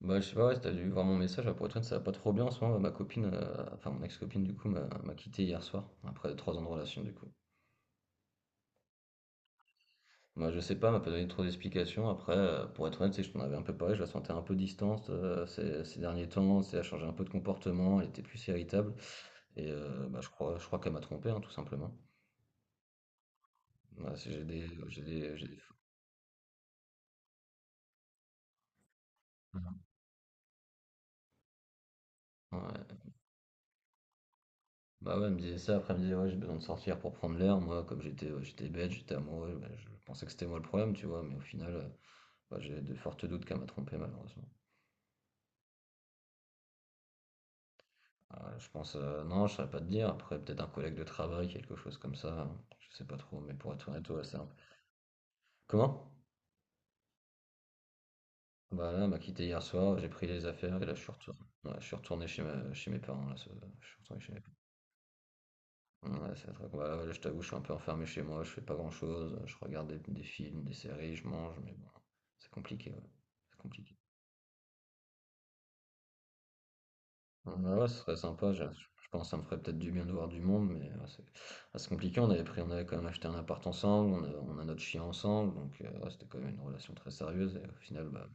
Bah, je sais pas, ouais, si tu dû voir mon message, là, pour être honnête, ça va pas trop bien en ce moment. Ma copine, enfin mon ex-copine du coup, m'a quitté hier soir, après 3 ans de relation du coup. Moi je sais pas, elle m'a pas donné trop d'explications. Après, pour être honnête, c'est que je t'en avais un peu parlé, je la sentais un peu distante ces derniers temps, c'est, elle a changé un peu de comportement, elle était plus irritable. Et bah, je crois qu'elle m'a trompé, hein, tout simplement. Bah, j'ai des... Ouais. Bah ouais, elle me disait ça, après elle me disait ouais j'ai besoin de sortir pour prendre l'air, moi comme j'étais j'étais bête, j'étais amoureux, bah, je pensais que c'était moi le problème, tu vois, mais au final, bah, j'ai de fortes doutes qu'elle m'a trompé malheureusement. Ah, je pense, non, je saurais pas te dire. Après, peut-être un collègue de travail, quelque chose comme ça, hein. Je sais pas trop, mais pour être honnête, ouais, c'est un peu. Comment? Bah là, elle m'a quitté hier soir, j'ai pris les affaires et là, je suis retourné. Ouais, je suis retourné chez mes parents. Je suis retourné chez mes parents. Ouais, c'est vrai que, bah, là, je t'avoue, je suis un peu enfermé chez moi, je fais pas grand-chose. Je regarde des films, des séries, je mange, mais bon, c'est compliqué, ouais. C'est compliqué. Ouais, ouais, ouais, ce serait sympa. Je pense que ça me ferait peut-être du bien de voir du monde, mais ouais, c'est compliqué. On avait pris, on avait quand même acheté un appart ensemble, on a notre chien ensemble, donc ouais, c'était quand même une relation très sérieuse. Et au final, bah,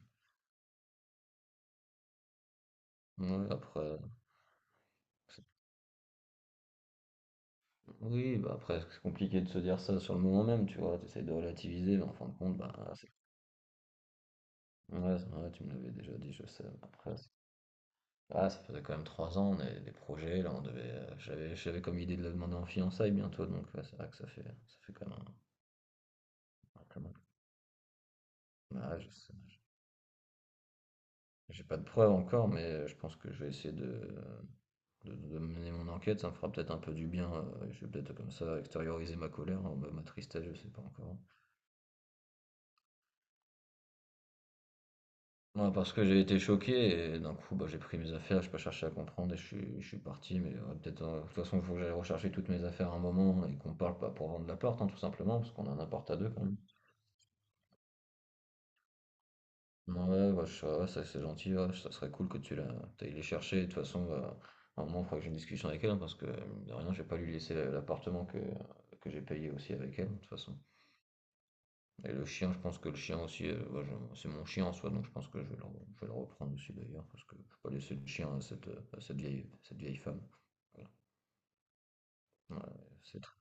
ouais, après, c'est- oui, bah après, c'est compliqué de se dire ça sur le moment même, tu vois. T'essayes de relativiser, mais en fin de compte, bah, ouais, ouais, tu me l'avais déjà dit, je sais. Après, ah, ça faisait quand même 3 ans, on avait des projets. Là, on devait, j'avais comme idée de la demander en fiançailles bientôt, donc ouais, c'est vrai que ça fait quand même. Quand même Ouais, je sais. J'ai pas de preuves encore, mais je pense que je vais essayer de mener mon enquête. Ça me fera peut-être un peu du bien. Je vais peut-être comme ça extérioriser ma colère, hein, bah, ma tristesse, je sais pas encore. Non, parce que j'ai été choqué et d'un coup, bah, j'ai pris mes affaires. J'ai pas cherché à comprendre et je suis parti. Mais ouais, peut-être, de toute façon, il faut que j'aille rechercher toutes mes affaires à un moment et qu'on parle pas pour vendre l'appart, hein, tout simplement, parce qu'on a un appart à deux quand même. Ouais, bah, ça c'est gentil, ouais, ça serait cool que t'ailles les chercher. De toute façon, bah, à un moment, il faudra que j'ai une discussion avec elle, hein, parce que, mine de rien, je vais pas lui laisser l'appartement que j'ai payé aussi avec elle, de toute façon. Et le chien, je pense que le chien aussi, bah, c'est mon chien en soi, donc je pense que je vais je vais le reprendre aussi d'ailleurs, parce que je peux pas laisser le chien à à cette vieille femme. Voilà. Ouais, c'est tr-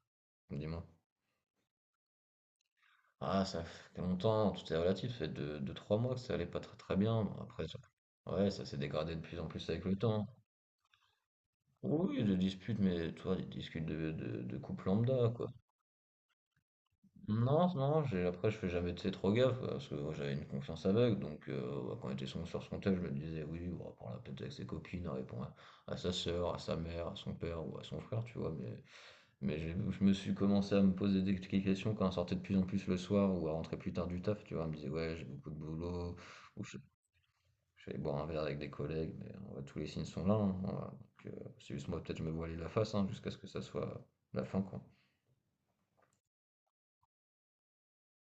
Dis-moi. Ah, ça fait longtemps, tout est relatif, ça fait 2 trois mois que ça allait pas très très bien. Bon, après, ouais, ça s'est dégradé de plus en plus avec le temps. Oui, des disputes, mais toi, des disputes de couple lambda, quoi. Non, non, j'ai, après, je fais jamais, tu sais, trop gaffe, quoi, parce que moi, j'avais une confiance aveugle, donc bah, quand on était sur son tel, je me disais, oui, bon, on va prendre la tête avec ses copines, elle répond à sa sœur, à sa mère, à son père ou à son frère, tu vois, mais je me suis commencé à me poser des questions quand on sortait de plus en plus le soir ou à rentrer plus tard du taf, tu vois, elle me disait, ouais, j'ai beaucoup de boulot, je vais aller boire un verre avec des collègues, mais tous les signes sont là, hein, donc, c'est juste moi, peut-être je me voilais la face hein, jusqu'à ce que ça soit la fin, quoi.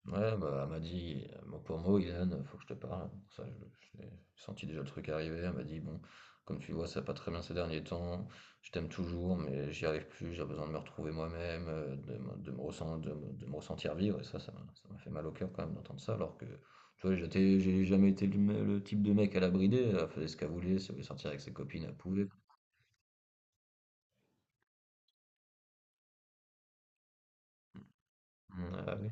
Ouais, bah, elle m'a dit, mot pour mot, Ilan, faut que je te parle. Ça, je l'ai senti déjà le truc arriver. Elle m'a dit, bon, comme tu vois, ça va pas très bien ces derniers temps. Je t'aime toujours, mais j'y arrive plus. J'ai besoin de me retrouver moi-même, de me ressentir, de me ressentir vivre. Et ça, ça m'a fait mal au cœur quand même d'entendre ça, alors que, tu vois, j'ai jamais été le type de mec à la brider. Elle faisait ce qu'elle voulait. Si elle voulait sortir avec ses copines, elle pouvait. Mmh, ah oui.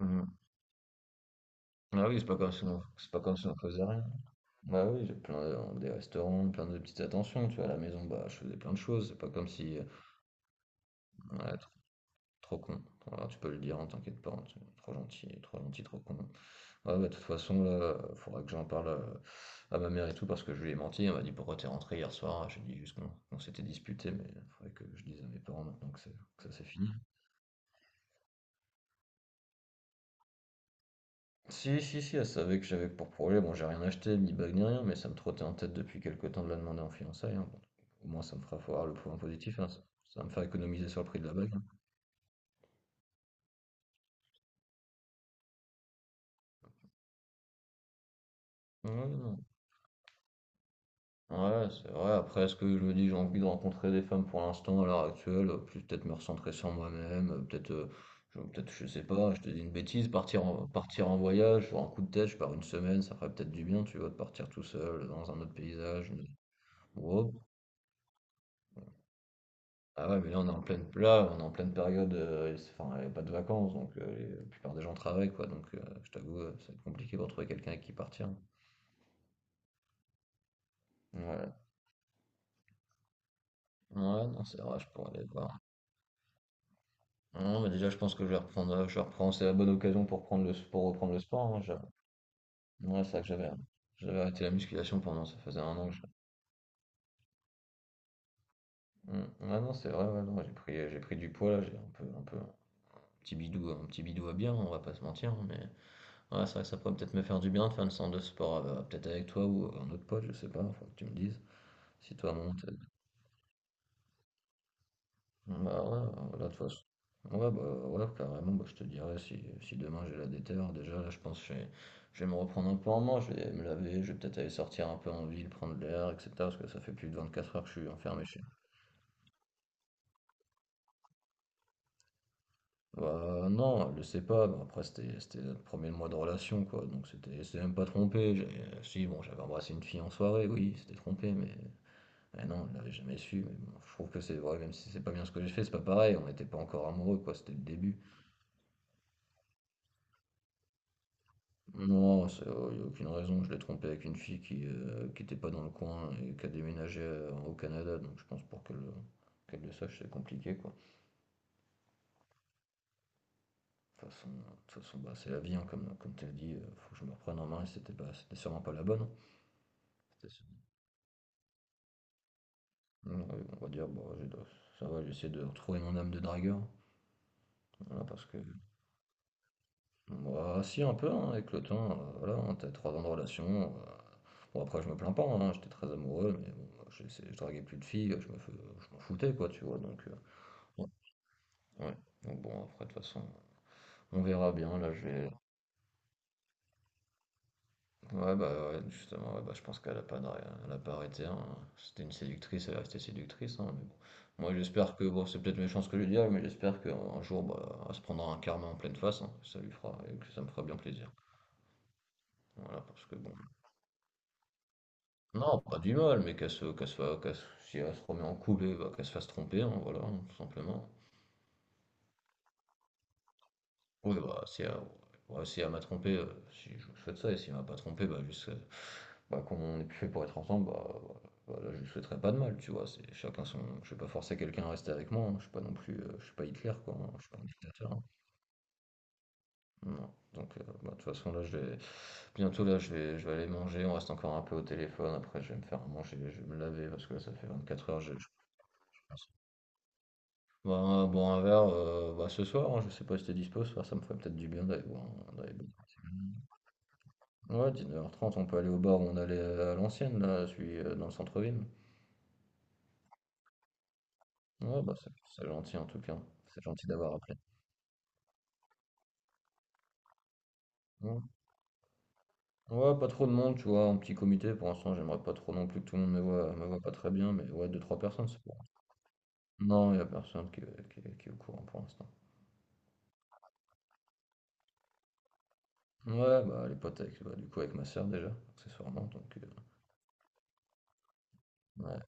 Mmh. Ah oui, c'est pas comme si on faisait rien. Bah oui, des restaurants, plein de petites attentions, tu vois, à la maison, bah je faisais plein de choses, c'est pas comme si... ouais, trop, trop con. Voilà, tu peux le dire, hein, t'inquiète pas, hein, trop gentil, trop gentil, trop con. Ouais, bah de toute façon, là, faudra que j'en parle ma mère et tout, parce que je lui ai menti, elle m'a dit pourquoi t'es rentré hier soir, j'ai dit juste qu'on s'était disputé, mais il faudrait que je dise à mes parents maintenant que, que ça c'est fini. Si, si, si, elle savait que j'avais pour projet. Bon, j'ai rien acheté, ni bague, ni rien, mais ça me trottait en tête depuis quelque temps de la demander en fiançailles, hein. Bon, au moins, ça me fera voir le point positif, hein. Ça va me faire économiser sur le prix de la bague, hein. Ouais, ouais, non. Ouais, c'est vrai. Après, est-ce que je me dis, j'ai envie de rencontrer des femmes pour l'instant, à l'heure actuelle, plus peut-être me recentrer sur moi-même, je sais pas, je te dis une bêtise, partir en voyage, pour un coup de tête, je pars une semaine, ça ferait peut-être du bien, tu vois, de partir tout seul, dans un autre paysage. Ouais, ah ouais, mais là on est en pleine, là, on est en pleine période, enfin, il n'y a pas de vacances, donc la plupart des gens travaillent, quoi. Donc je t'avoue, ça va être compliqué pour trouver quelqu'un avec qui partir. Ouais, ouais, non, c'est vrai, je pourrais aller voir. Non, mais déjà, je pense que je vais reprendre, je reprends, c'est la bonne occasion pour prendre pour reprendre le sport, hein, j'avoue. Ouais, c'est vrai que j'avais arrêté la musculation pendant, ça faisait un an que je... Mm. Ouais, non, c'est vrai, ouais, non, j'ai pris du poids là, j'ai un peu, un peu, un petit bidou à bien, on va pas se mentir, mais. Ouais, c'est vrai que ça pourrait peut-être me faire du bien de faire une séance de sport, peut-être avec toi ou un autre pote, je sais pas, faut que tu me dises. Si toi, mon un Bah ouais, là, de toute façon. Ouais, bah ouais, carrément, bah, je te dirais si, si demain j'ai la déterre. Déjà, là, je pense que je vais me reprendre un peu en main, je vais me laver, je vais peut-être aller sortir un peu en ville, prendre l'air, etc. Parce que ça fait plus de 24 heures que je suis enfermé chez. Bah non, je sais pas, bah, après, c'était notre premier mois de relation, quoi. Donc, c'était même pas trompé. Si, bon, j'avais embrassé une fille en soirée, oui, c'était trompé, mais ah non, elle l'avait jamais su, mais bon, je trouve que c'est vrai, même si c'est pas bien ce que j'ai fait, c'est pas pareil, on n'était pas encore amoureux, quoi, c'était le début. Non, il n'y a aucune raison, je l'ai trompé avec une fille qui était pas dans le coin et qui a déménagé au Canada, donc je pense pour qu'elle le sache, c'est compliqué, quoi. De toute façon, bah, c'est la vie, hein, comme tu as dit, faut que je me reprenne en main, et c'était sûrement pas la bonne, hein. C'était sûrement- Ouais, on va dire, bon, ça va, j'essaie de retrouver mon âme de dragueur, voilà, parce que bah, si, un peu, hein, avec le temps, voilà, hein, t'as 3 ans de relation. Bon, après, je me plains pas, hein, j'étais très amoureux, mais bon, moi, je draguais plus de filles, je m'en foutais, quoi, tu vois, donc, ouais, ouais. Donc bon, après, de toute façon, on verra bien, là, je vais. Ouais, bah, ouais, justement, ouais, bah, je pense qu'elle a pas, d'arr- elle a pas arrêté, hein. C'était une séductrice, elle est restée séductrice, hein, mais bon. Moi, j'espère que, bon, c'est peut-être méchant ce que je dis, mais j'espère qu'un jour, bah, elle se prendra un karma en pleine face, hein, ça lui fera, et que ça me fera bien plaisir. Voilà, parce que, bon, non, pas du mal, mais qu'elle se, qu'elle soit, qu'elle se- si elle se remet en couple, eh ben, qu'elle se fasse tromper, hein, voilà, hein, tout simplement. Oui, bah, si elle, ouais, si elle m'a trompé, si je vous souhaite ça, et si elle m'a pas trompé, bah, juste, bah, qu'on est plus fait pour être ensemble, bah, voilà, voilà, je lui souhaiterais pas de mal, tu vois, c'est chacun son. Je vais pas forcer quelqu'un à rester avec moi, hein, je suis pas non plus, je suis pas Hitler, quoi, hein, je suis pas un dictateur, hein, non. Donc, bah, de toute façon, là, bientôt, là, je vais aller manger, on reste encore un peu au téléphone, après, je vais me faire à manger, je vais me laver, parce que là, ça fait 24 heures, je- bah, boire un verre, bah, ce soir, hein, je sais pas si t'es dispo ce soir, ça me ferait peut-être du bien d'aller boire un d'aller boire ouais, 19:30, on peut aller au bar où on allait, à l'ancienne, là, celui, dans le centre-ville. Ouais, bah, c'est gentil, en tout cas. C'est gentil d'avoir appelé. Mmh. Ouais, pas trop de monde, tu vois, en petit comité, pour l'instant, j'aimerais pas trop non plus que tout le monde me voit pas très bien, mais ouais, deux trois personnes, c'est bon. Non, il y a personne qui est au courant pour l'instant. Ouais, bah, les potes avec bah, du coup, avec ma sœur déjà, accessoirement, donc ouais.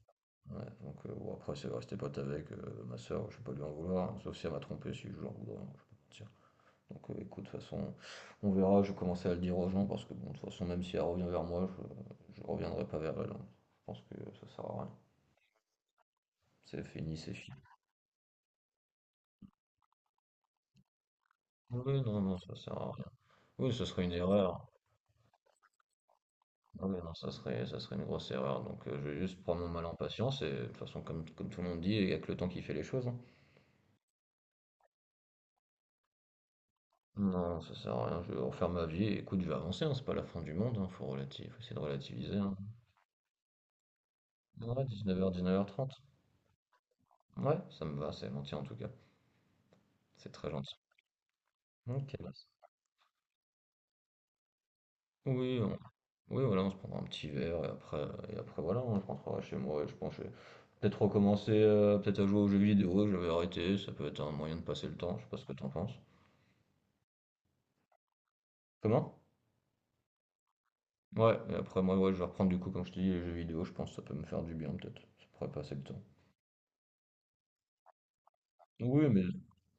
Ouais, donc bon, après, c'est resté pote avec ma soeur, je ne vais pas lui en vouloir, hein, sauf si elle m'a trompé, si je lui en voudrais, hein, je peux pas mentir. Donc écoute, de toute façon, on verra, je vais commencer à le dire aux gens, parce que bon, de toute façon, même si elle revient vers moi, je reviendrai pas vers elle, hein. Je pense que ça sert à rien. C'est fini, c'est fini. Oui, non, non, ça sert à rien. Oui, ce serait une erreur. Oui, non, ça serait une grosse erreur. Donc je vais juste prendre mon mal en patience, et de toute façon, comme tout le monde dit, il y a que le temps qui fait les choses, hein. Non, ça sert à rien, je vais refaire ma vie et écoute, je vais avancer, hein, c'est pas la fin du monde, hein, faut essayer de relativiser, hein. Ouais, 19h, 19h30. Ouais, ça me va, c'est gentil en tout cas. C'est très gentil. Ok, oui, on- oui, voilà, on se prendra un petit verre et après voilà, on je rentrerai chez moi et je pense que je vais peut-être recommencer, peut-être à jouer aux jeux vidéo, je vais arrêter, ça peut être un moyen de passer le temps, je sais pas ce que t'en penses. Comment? Ouais, et après moi, ouais, je vais reprendre du coup, comme je te dis, les jeux vidéo, je pense que ça peut me faire du bien peut-être. Ça pourrait passer le temps. Oui, mais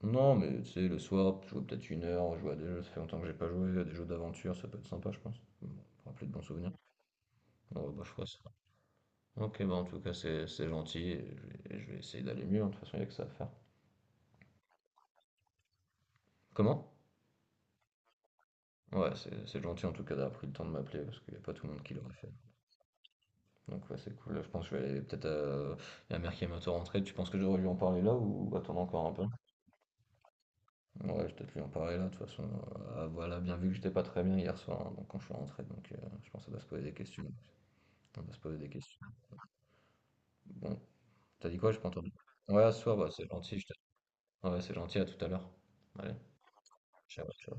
non, mais tu sais, le soir, jouer peut-être 1 heure, jouer à des jeux, ça fait longtemps que j'ai pas joué à des jeux d'aventure, ça peut être sympa, je pense. Bon, pour rappeler de bons souvenirs. Bon, bah, je ferai ça. Ok, bah en tout cas, c'est gentil, et et je vais essayer d'aller mieux, hein, de toute façon, il n'y a que ça à faire. Comment? Ouais, c'est gentil en tout cas d'avoir pris le temps de m'appeler, parce qu'il n'y a pas tout le monde qui l'aurait fait. Donc ouais, c'est cool, là, je pense que je vais aller peut-être à la mère qui est bientôt rentrée. Tu penses que j'aurais dû en parler là, ou attendre encore un peu? Ouais, je vais peut-être lui en parler là, de toute façon. Voilà, bien vu que j'étais pas très bien hier soir, hein, donc quand je suis rentré, donc je pense qu'elle va se poser des questions. On va se poser des questions. Bon, t'as dit quoi? J'ai pas entendu. Ouais, à ce soir, bah, c'est gentil, ouais, c'est gentil, à tout à l'heure. Allez, ciao, ciao.